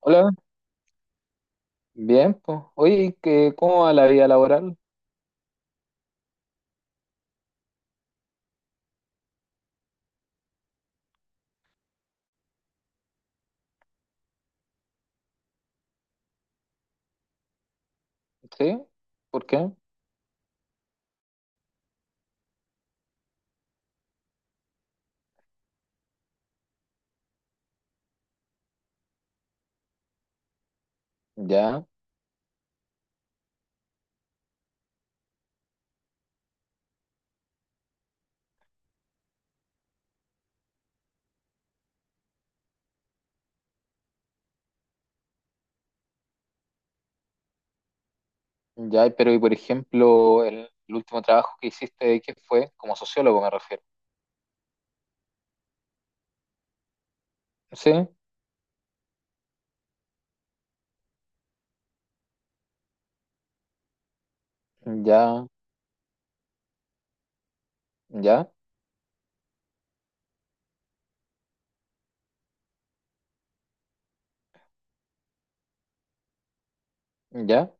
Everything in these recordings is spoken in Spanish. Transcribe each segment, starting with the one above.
Hola, bien, pues. Oye, ¿cómo va la vida laboral? ¿Sí? ¿Por qué? Ya, ya, pero y por ejemplo, el último trabajo que hiciste, ¿qué fue? Como sociólogo me refiero. ¿Sí? Ya, ya, ya,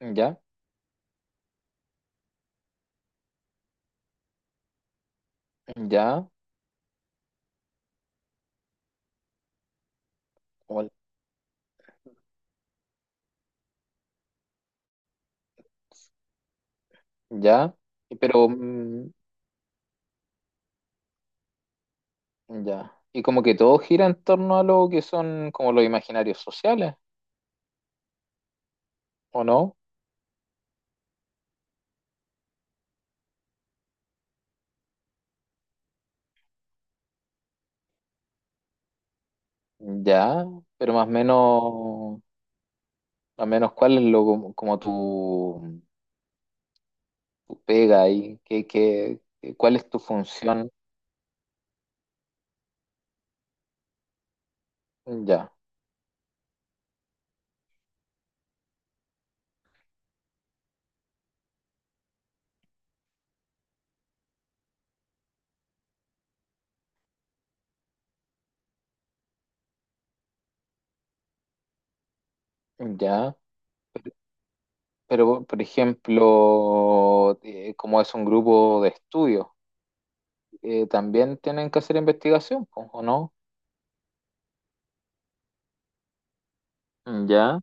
ya, ya, ol- ya, y pero ya. Y como que todo gira en torno a lo que son como los imaginarios sociales, ¿o no? Ya, pero más o menos, ¿cuál es lo como tu pega ahí, cuál es tu función? Ya, ya. Pero, pero por ejemplo, como es un grupo de estudio, también tienen que hacer investigación, po, ¿o no? Ya,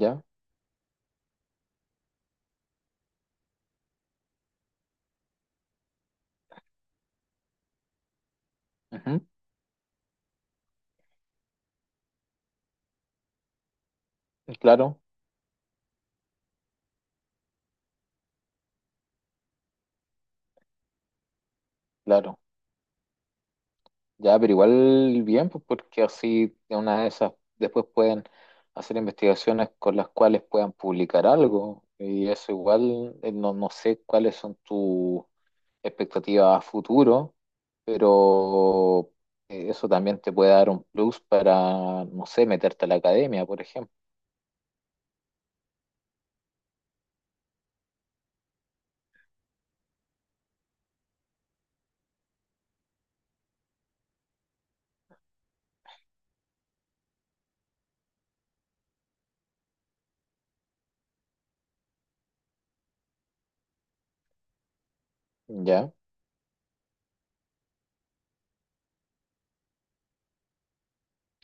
ya, ujú, claro, claro. Ya, pero igual bien, pues porque así de una de esas después pueden hacer investigaciones con las cuales puedan publicar algo. Y eso igual, no, no sé cuáles son tus expectativas a futuro, pero eso también te puede dar un plus para, no sé, meterte a la academia, por ejemplo. ¿Ya?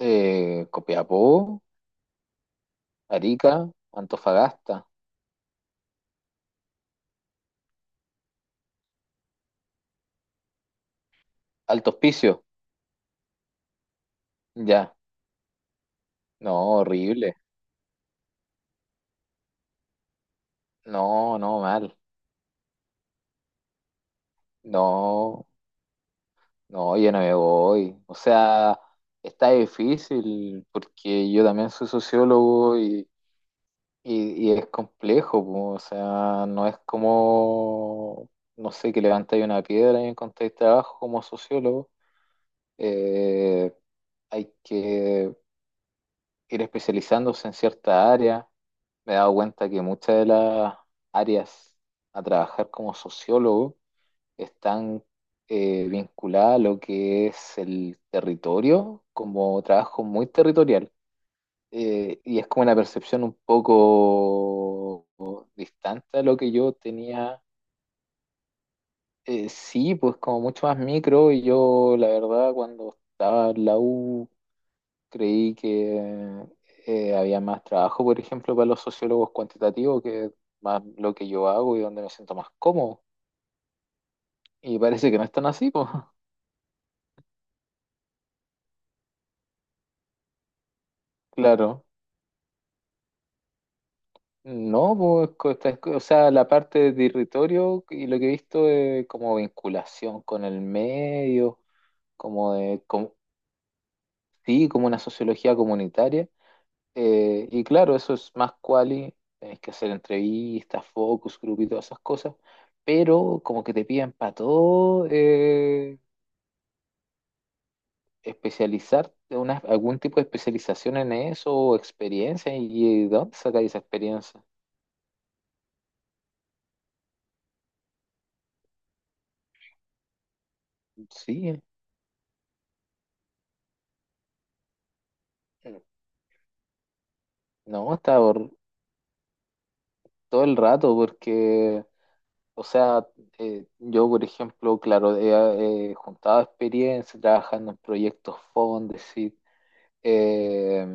Copiapó, Arica, Antofagasta, Alto Hospicio. ¿Ya? No, horrible, no, no, mal, no, no, yo no me voy, o sea, está difícil porque yo también soy sociólogo y es complejo, po, o sea, no es como, no sé, que levantáis una piedra y encontráis trabajo como sociólogo. Eh, hay que ir especializándose en cierta área. Me he dado cuenta que muchas de las áreas a trabajar como sociólogo están vinculadas a lo que es el territorio, como trabajo muy territorial, y es como una percepción un poco distante a lo que yo tenía. Sí, pues como mucho más micro, y yo la verdad cuando estaba en la U creí que había más trabajo, por ejemplo, para los sociólogos cuantitativos, que es más lo que yo hago y donde me siento más cómodo. Y parece que no es tan así, pues. Claro. No, pues, co- esta- o sea, la parte de territorio y lo que he visto es como vinculación con el medio, como de, com- sí, como una sociología comunitaria. Y claro, eso es más quali, tenés que hacer entrevistas, focus group y todas esas cosas, pero como que te piden para todo, especializarte, algún tipo de especialización en eso o experiencia, y, ¿de dónde sacáis esa experiencia? Sí, no, estaba todo el rato porque. O sea, yo, por ejemplo, claro, he juntado experiencia trabajando en proyectos Fondesit, eh,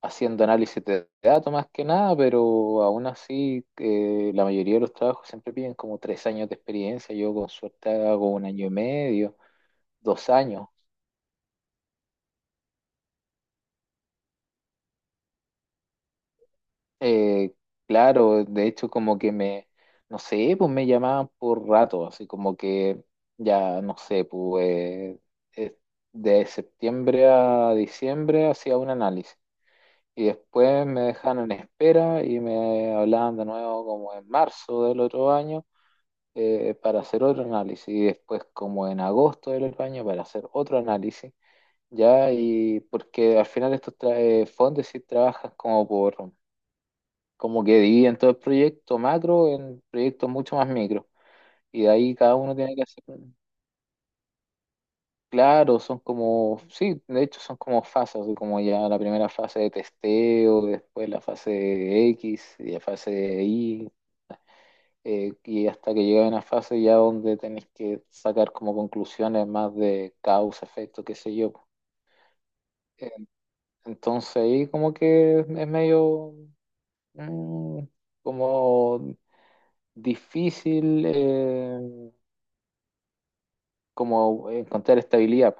haciendo análisis de datos más que nada, pero aún así, la mayoría de los trabajos siempre piden como 3 años de experiencia. Yo con suerte hago un año y medio, 2 años. Eh, claro, de hecho como que no sé, pues me llamaban por rato, así como que ya, no sé, pues, eh, de septiembre a diciembre hacía un análisis, y después me dejaban en espera y me hablaban de nuevo como en marzo del otro año, para hacer otro análisis, y después como en agosto del otro año para hacer otro análisis. Ya, y porque al final estos fondos sí trabajan como por, como que dividen todo el proyecto macro en proyectos mucho más micro. Y de ahí cada uno tiene que hacer, claro, son como, sí, de hecho son como fases, así como ya la primera fase de testeo, después la fase de X, y la fase de Y, y hasta que llega una fase ya donde tenés que sacar como conclusiones más de causa, efecto, qué sé yo. Eh, Entonces ahí como que es medio, mm, como difícil, como encontrar estabilidad.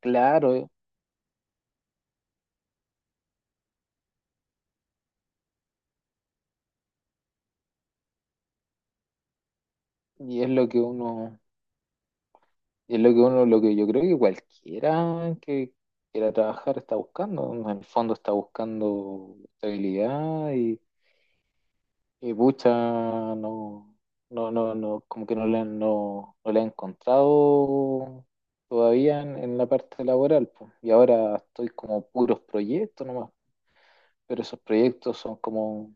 Claro, y es lo que uno, y es lo que uno, lo que yo creo que cualquiera que quiera trabajar está buscando. En el fondo está buscando estabilidad, y pucha, no, no, no, no, como que no le han encontrado todavía en la parte laboral, pues. Y ahora estoy como puros proyectos nomás, pero esos proyectos son como.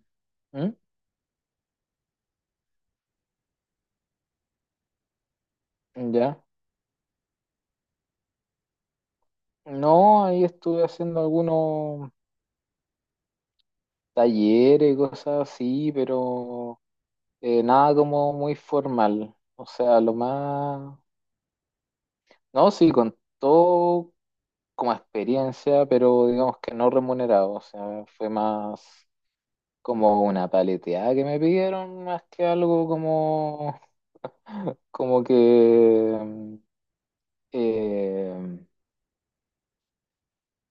¿Mm? Ya. No, ahí estuve haciendo algunos talleres, cosas así, pero nada como muy formal. O sea, lo más. No, sí, contó como experiencia, pero digamos que no remunerado. O sea, fue más como una paleteada que me pidieron, más que algo como, como que, eh,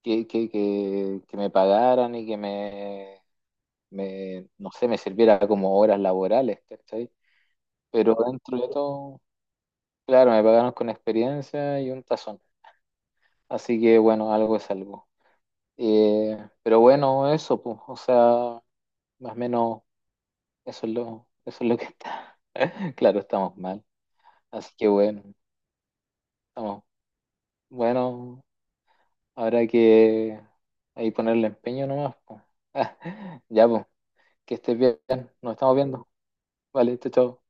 que me pagaran y que no sé, me sirviera como horas laborales, ¿cachai? Pero dentro de todo, claro, me pagaron con experiencia y un tazón. Así que bueno, algo es algo. Eh, pero bueno, eso, pues, o sea, más o menos eso es lo que está. Claro, estamos mal. Así que bueno, estamos. Bueno, habrá que ahí ponerle empeño nomás, pues. Ya, pues, que estés bien. Nos estamos viendo. Vale, chao, chao.